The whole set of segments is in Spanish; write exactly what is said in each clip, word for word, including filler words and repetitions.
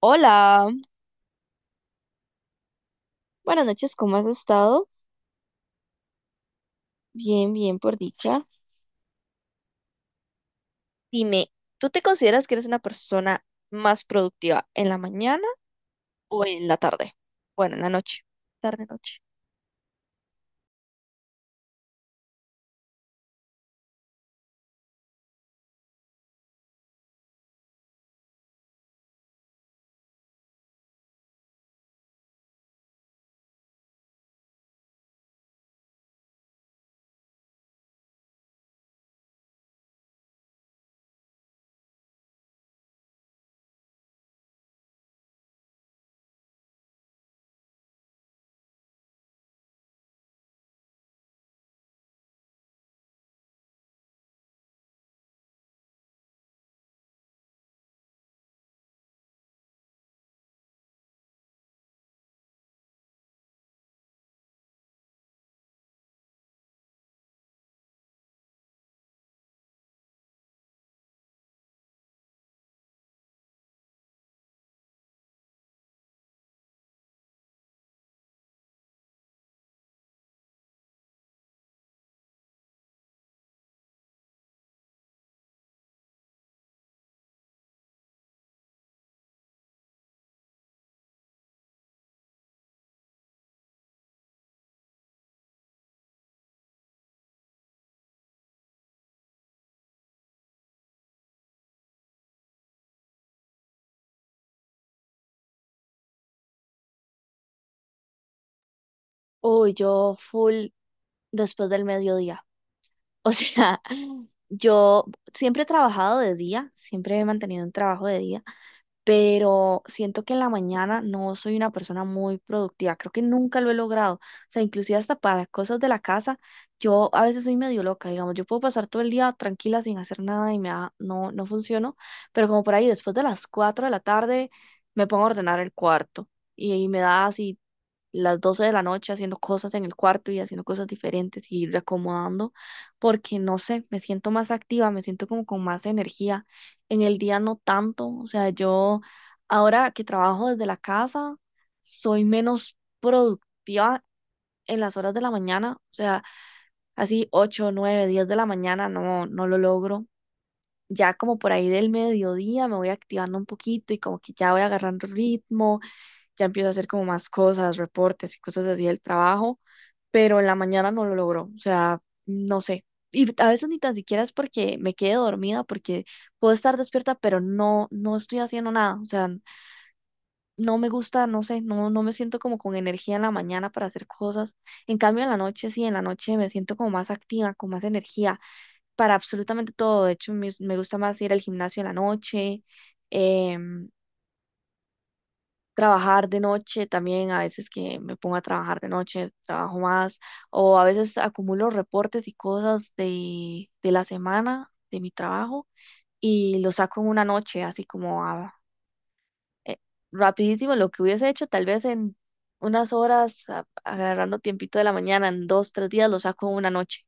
Hola, buenas noches, ¿cómo has estado? Bien, bien, por dicha. Dime, ¿tú te consideras que eres una persona más productiva en la mañana o en la tarde? Bueno, en la noche, tarde, noche. Uy, yo full después del mediodía. O sea, yo siempre he trabajado de día, siempre he mantenido un trabajo de día. Pero siento que en la mañana no soy una persona muy productiva, creo que nunca lo he logrado, o sea, inclusive hasta para cosas de la casa, yo a veces soy medio loca, digamos, yo puedo pasar todo el día tranquila sin hacer nada y me da- no, no funciono, pero como por ahí después de las cuatro de la tarde me pongo a ordenar el cuarto y, y me da así las doce de la noche haciendo cosas en el cuarto y haciendo cosas diferentes y reacomodando, porque no sé, me siento más activa, me siento como con más energía. En el día no tanto, o sea, yo ahora que trabajo desde la casa, soy menos productiva en las horas de la mañana, o sea, así ocho nueve diez de la mañana, no, no lo logro. Ya como por ahí del mediodía me voy activando un poquito y como que ya voy agarrando ritmo, ya empiezo a hacer como más cosas, reportes y cosas así del trabajo, pero en la mañana no lo logro, o sea, no sé. Y a veces ni tan siquiera es porque me quede dormida, porque puedo estar despierta, pero no, no estoy haciendo nada, o sea, no me gusta, no sé, no, no me siento como con energía en la mañana para hacer cosas. En cambio, en la noche sí, en la noche me siento como más activa, con más energía para absolutamente todo. De hecho, me, me gusta más ir al gimnasio en la noche. em, Trabajar de noche también, a veces que me pongo a trabajar de noche, trabajo más, o a veces acumulo reportes y cosas de, de la semana de mi trabajo y los saco en una noche, así como a- eh, rapidísimo lo que hubiese hecho, tal vez en unas horas, a- agarrando tiempito de la mañana, en dos, tres días, lo saco en una noche.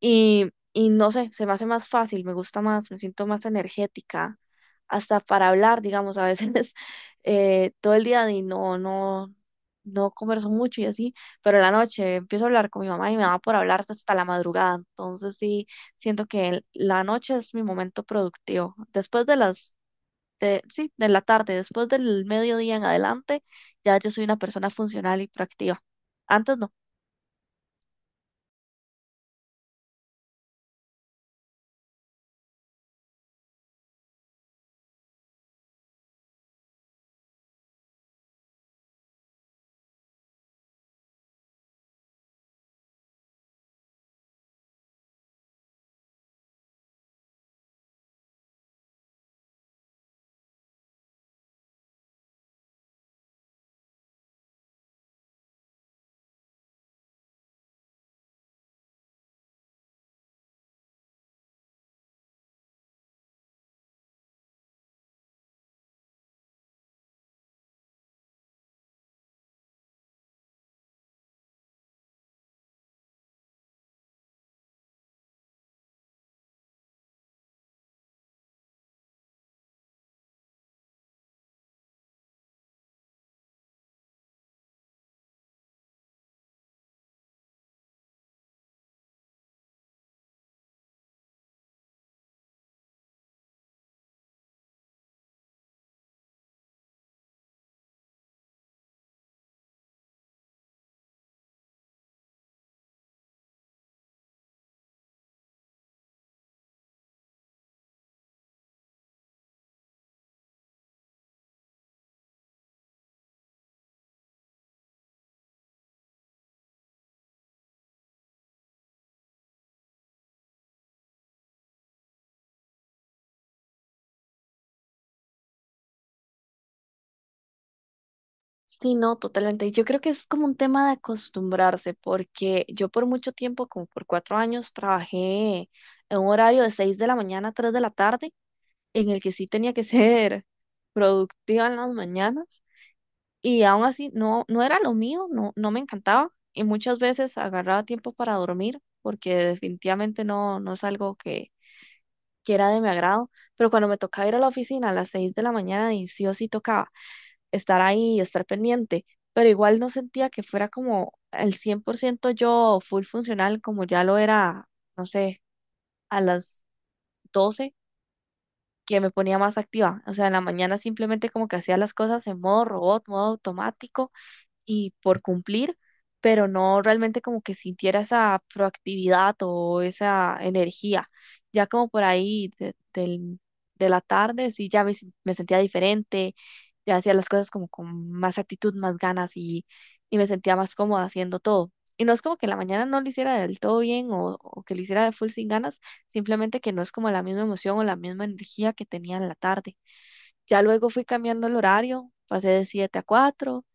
Y, y no sé, se me hace más fácil, me gusta más, me siento más energética, hasta para hablar, digamos, a veces eh, todo el día y no, no, no converso mucho y así, pero en la noche empiezo a hablar con mi mamá y me da por hablar hasta la madrugada, entonces sí, siento que el- la noche es mi momento productivo. Después de las, de, sí, de la tarde, después del mediodía en adelante, ya yo soy una persona funcional y proactiva. Antes no. Sí, no, totalmente. Y Yo creo que es como un tema de acostumbrarse, porque yo por mucho tiempo, como por cuatro años, trabajé en un horario de seis de la mañana a tres de la tarde, en el que sí tenía que ser productiva en las mañanas, y aún así no, no era lo mío, no, no me encantaba, y muchas veces agarraba tiempo para dormir, porque definitivamente no, no es algo que, que era de mi agrado, pero cuando me tocaba ir a la oficina a las seis de la mañana, y sí o sí tocaba estar ahí y estar pendiente, pero igual no sentía que fuera como el cien por ciento yo full funcional como ya lo era, no sé, a las doce que me ponía más activa. O sea, en la mañana simplemente como que hacía las cosas en modo robot, modo automático y por cumplir, pero no realmente como que sintiera esa proactividad o esa energía. Ya como por ahí de, del- de la tarde, sí, ya me, sen- me sentía diferente, ya hacía las cosas como con más actitud, más ganas y, y me sentía más cómoda haciendo todo. Y no es como que en la mañana no lo hiciera del todo bien o, o que lo hiciera de full sin ganas, simplemente que no es como la misma emoción o la misma energía que tenía en la tarde. Ya luego fui cambiando el horario, pasé de siete a cuatro,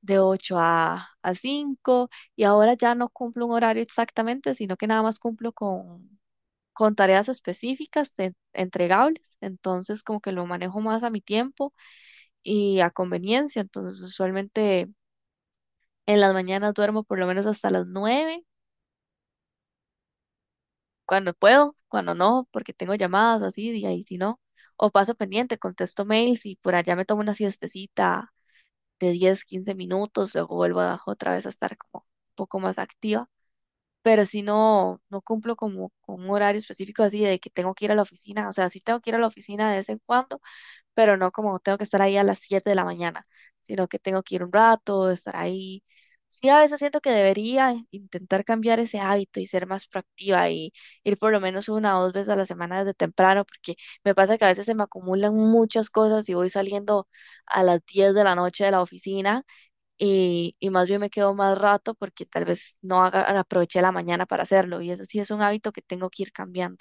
de ocho a, a cinco, y ahora ya no cumplo un horario exactamente, sino que nada más cumplo con, con tareas específicas de- entregables, entonces como que lo manejo más a mi tiempo y a conveniencia, entonces usualmente en las mañanas duermo por lo menos hasta las nueve cuando puedo, cuando no, porque tengo llamadas o así, y ahí si no, o paso pendiente, contesto mails y por allá me tomo una siestecita de diez quince minutos, luego vuelvo a- otra vez a estar como un poco más activa, pero si no, no cumplo como con un horario específico así de que tengo que ir a la oficina, o sea, sí tengo que ir a la oficina de vez en cuando, pero no como tengo que estar ahí a las siete de la mañana, sino que tengo que ir un rato, estar ahí. Sí, a veces siento que debería intentar cambiar ese hábito y ser más proactiva y ir por lo menos una o dos veces a la semana desde temprano, porque me pasa que a veces se me acumulan muchas cosas y voy saliendo a las diez de la noche de la oficina y, y más bien me quedo más rato porque tal vez no haga, aproveché la mañana para hacerlo y eso sí es un hábito que tengo que ir cambiando.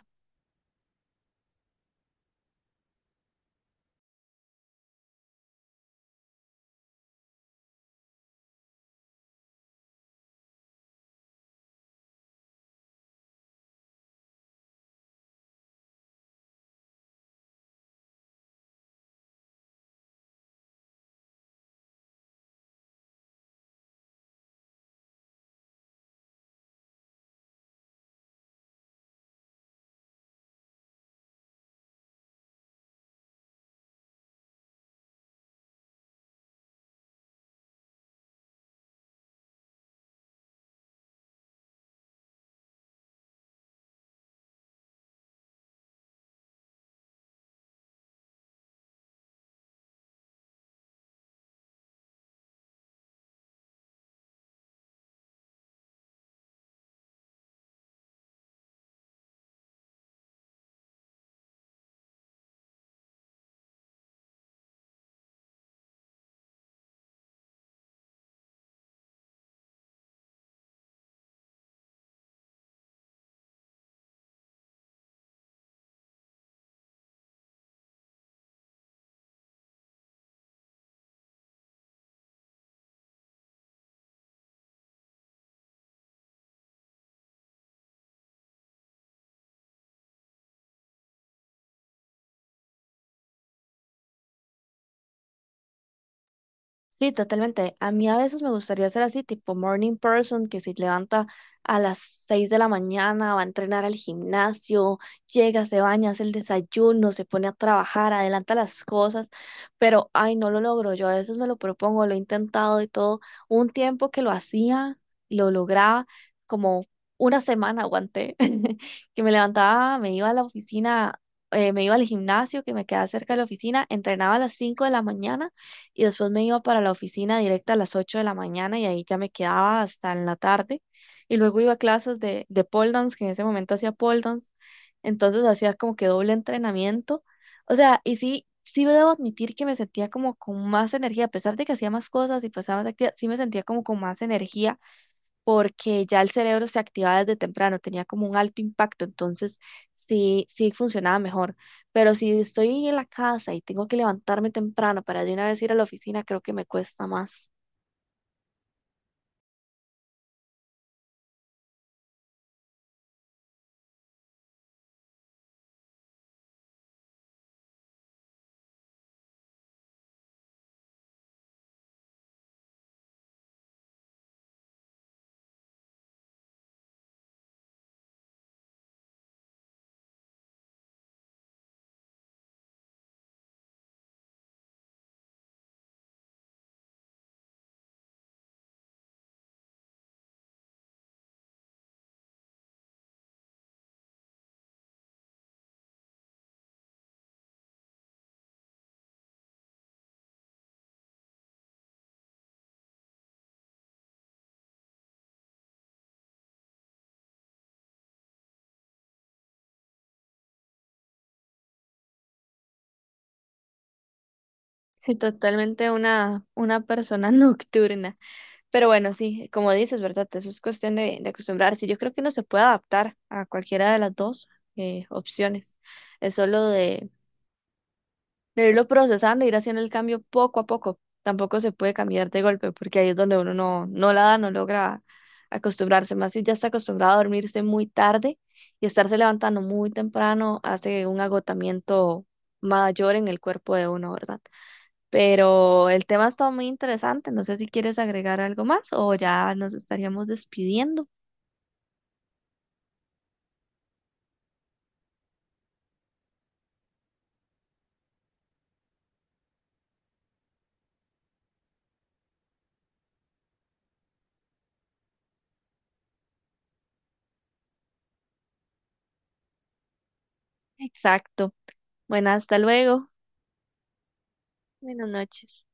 Sí, totalmente. A mí a veces me gustaría ser así, tipo morning person, que se levanta a las seis de la mañana, va a entrenar al gimnasio, llega, se baña, hace el desayuno, se pone a trabajar, adelanta las cosas, pero ay, no lo logro. Yo a veces me lo propongo, lo he intentado y todo. Hubo Un tiempo que lo hacía, lo lograba, como una semana aguanté, que me levantaba, me iba a la oficina, eh, me iba al gimnasio que me quedaba cerca de la oficina, entrenaba a las cinco de la mañana y después me iba para la oficina directa a las ocho de la mañana y ahí ya me quedaba hasta en la tarde. Y luego iba a clases de, de pole dance, que en ese momento hacía pole dance, entonces hacía como que doble entrenamiento. O sea, y sí, sí debo admitir que me sentía como con más energía, a pesar de que hacía más cosas y pasaba más actividad, sí me sentía como con más energía porque ya el cerebro se activaba desde temprano, tenía como un alto impacto, entonces sí, sí funcionaba mejor. Pero si estoy en la casa y tengo que levantarme temprano para de una vez ir a la oficina, creo que me cuesta más. Soy totalmente una, una persona nocturna. Pero bueno, sí, como dices, ¿verdad? Eso es cuestión de, de acostumbrarse. Yo creo que no se puede adaptar a cualquiera de las dos eh, opciones. Es solo de de irlo procesando, ir haciendo el cambio poco a poco. Tampoco se puede cambiar de golpe, porque ahí es donde uno no, no la da, no logra acostumbrarse. Más si ya está acostumbrado a dormirse muy tarde y estarse levantando muy temprano, hace un agotamiento mayor en el cuerpo de uno, ¿verdad? Pero el tema está muy interesante. No sé si quieres agregar algo más o ya nos estaríamos despidiendo. Exacto. Bueno, hasta luego. Buenas noches.